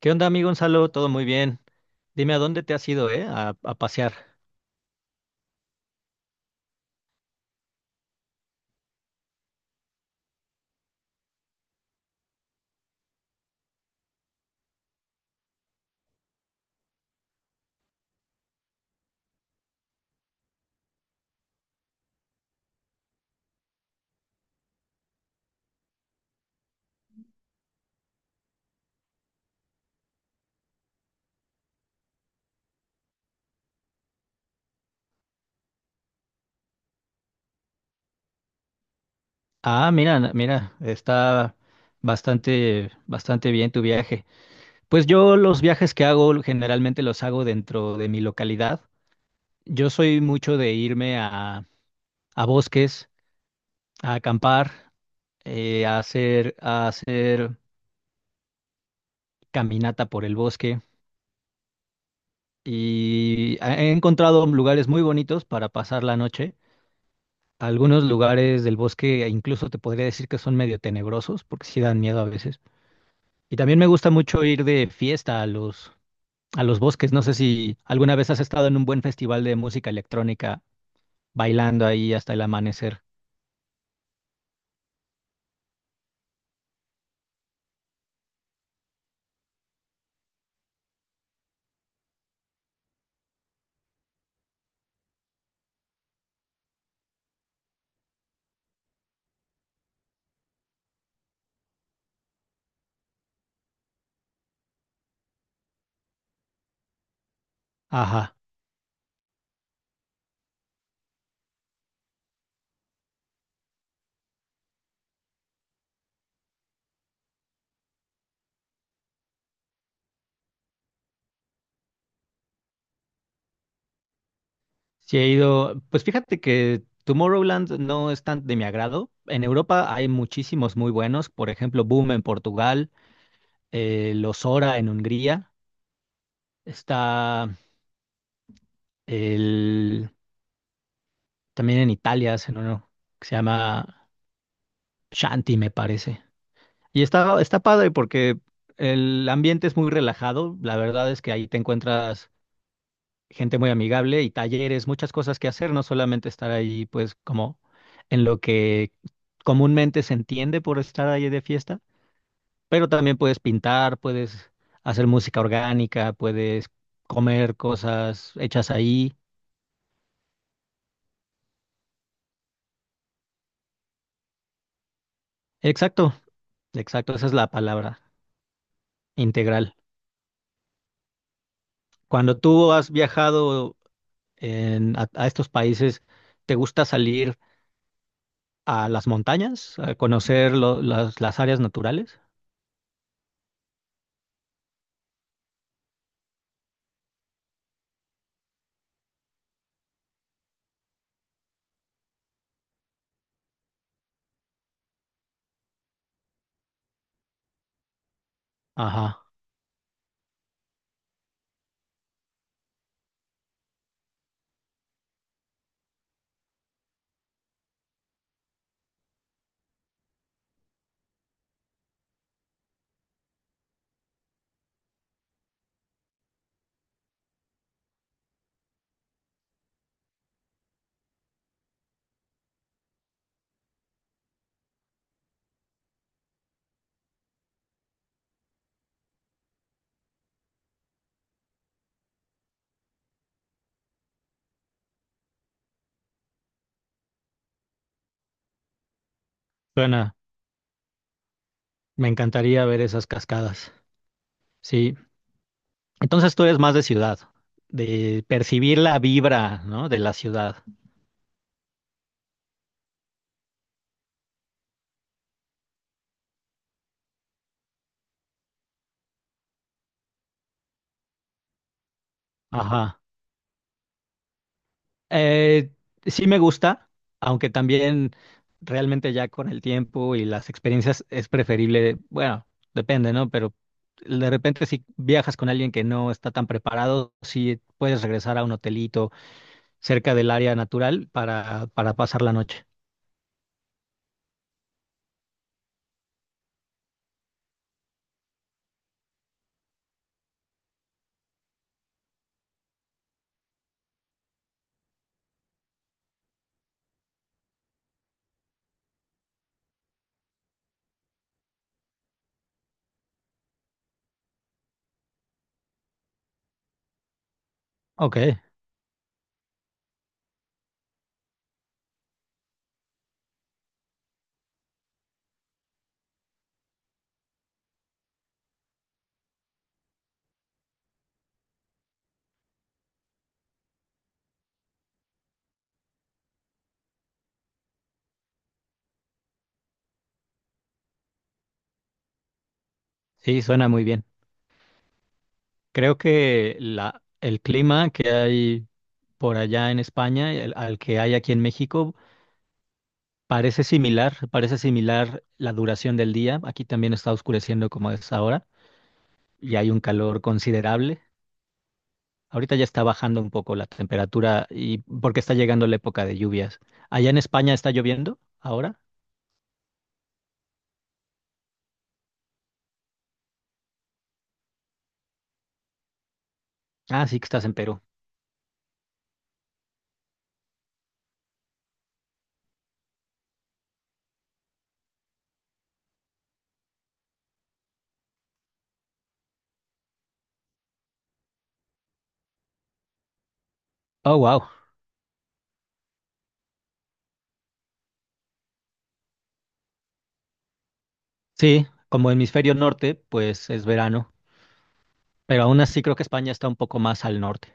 ¿Qué onda, amigo Gonzalo? Todo muy bien. Dime a dónde te has ido, ¿eh? A pasear. Ah, mira, mira, está bastante bien tu viaje. Pues yo los viajes que hago generalmente los hago dentro de mi localidad. Yo soy mucho de irme a bosques, a acampar, a hacer caminata por el bosque, y he encontrado lugares muy bonitos para pasar la noche. Algunos lugares del bosque e incluso te podría decir que son medio tenebrosos porque sí dan miedo a veces. Y también me gusta mucho ir de fiesta a los bosques. No sé si alguna vez has estado en un buen festival de música electrónica bailando ahí hasta el amanecer. Ajá. Sí he ido. Pues fíjate que Tomorrowland no es tan de mi agrado. En Europa hay muchísimos muy buenos. Por ejemplo, Boom en Portugal, Los Ora en Hungría. Está el También en Italia hacen uno que se llama Shanti, me parece. Y está padre porque el ambiente es muy relajado. La verdad es que ahí te encuentras gente muy amigable y talleres, muchas cosas que hacer, no solamente estar ahí, pues, como en lo que comúnmente se entiende por estar ahí de fiesta, pero también puedes pintar, puedes hacer música orgánica, puedes comer cosas hechas ahí. Exacto, exacto, esa es la palabra, integral. Cuando tú has viajado a estos países, ¿te gusta salir a las montañas, a conocer las áreas naturales? Ajá, suena, me encantaría ver esas cascadas. Sí, entonces tú eres más de ciudad, de percibir la vibra, ¿no?, de la ciudad. Ajá. Eh, sí me gusta, aunque también realmente ya con el tiempo y las experiencias es preferible, bueno, depende, ¿no? Pero de repente si viajas con alguien que no está tan preparado, sí puedes regresar a un hotelito cerca del área natural para pasar la noche. Ok, sí, suena muy bien. Creo que el clima que hay por allá en España, al que hay aquí en México, parece similar, parece similar la duración del día. Aquí también está oscureciendo como es ahora y hay un calor considerable. Ahorita ya está bajando un poco la temperatura, y porque está llegando la época de lluvias. ¿Allá en España está lloviendo ahora? Ah, sí que estás en Perú. Oh, wow. Sí, como hemisferio norte, pues es verano, pero aún así creo que España está un poco más al norte.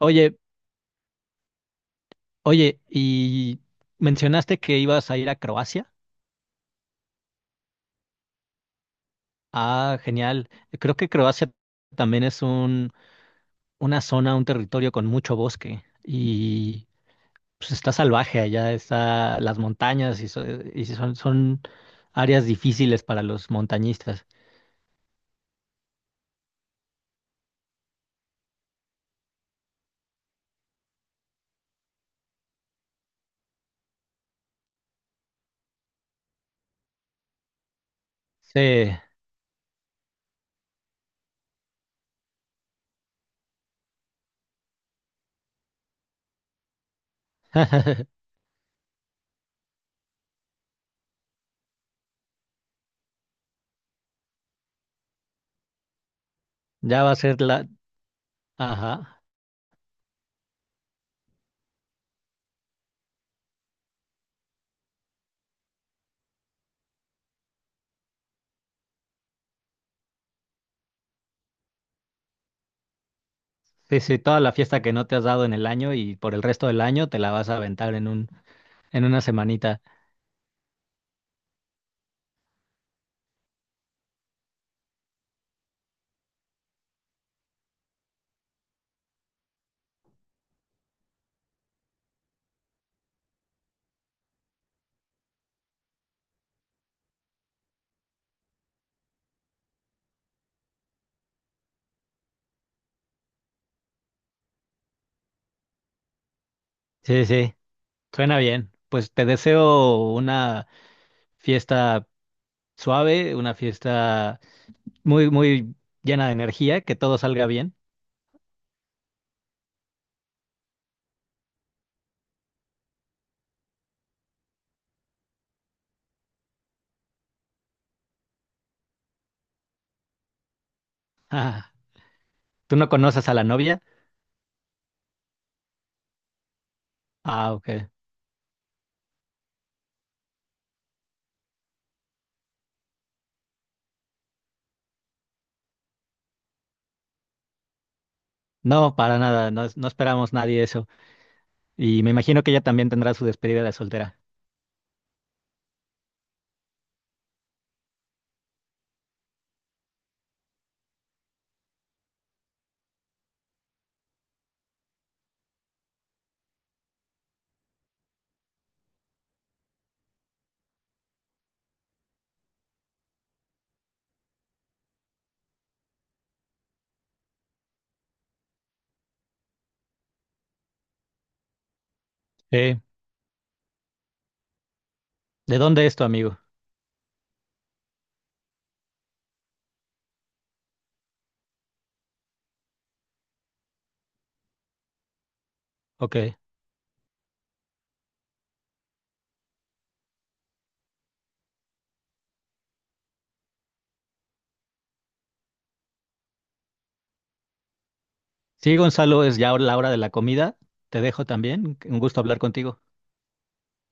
Oye, oye, y mencionaste que ibas a ir a Croacia. Ah, genial. Creo que Croacia también es un una zona, un territorio con mucho bosque, y pues está salvaje allá, está las montañas y, y son áreas difíciles para los montañistas. Sí, ya va a ser la... Ajá. Sí, sí, toda la fiesta que no te has dado en el año y por el resto del año te la vas a aventar en en una semanita. Sí, sí, suena bien. Pues te deseo una fiesta suave, una fiesta muy, muy llena de energía, que todo salga bien. ¿Tú no conoces a la novia? Ah, ok. No, para nada, no, no esperamos nadie eso. Y me imagino que ella también tendrá su despedida de soltera. Eh, ¿De dónde es tu amigo? Ok. Sí, Gonzalo, es ya la hora de la comida. Te dejo también. Un gusto hablar contigo.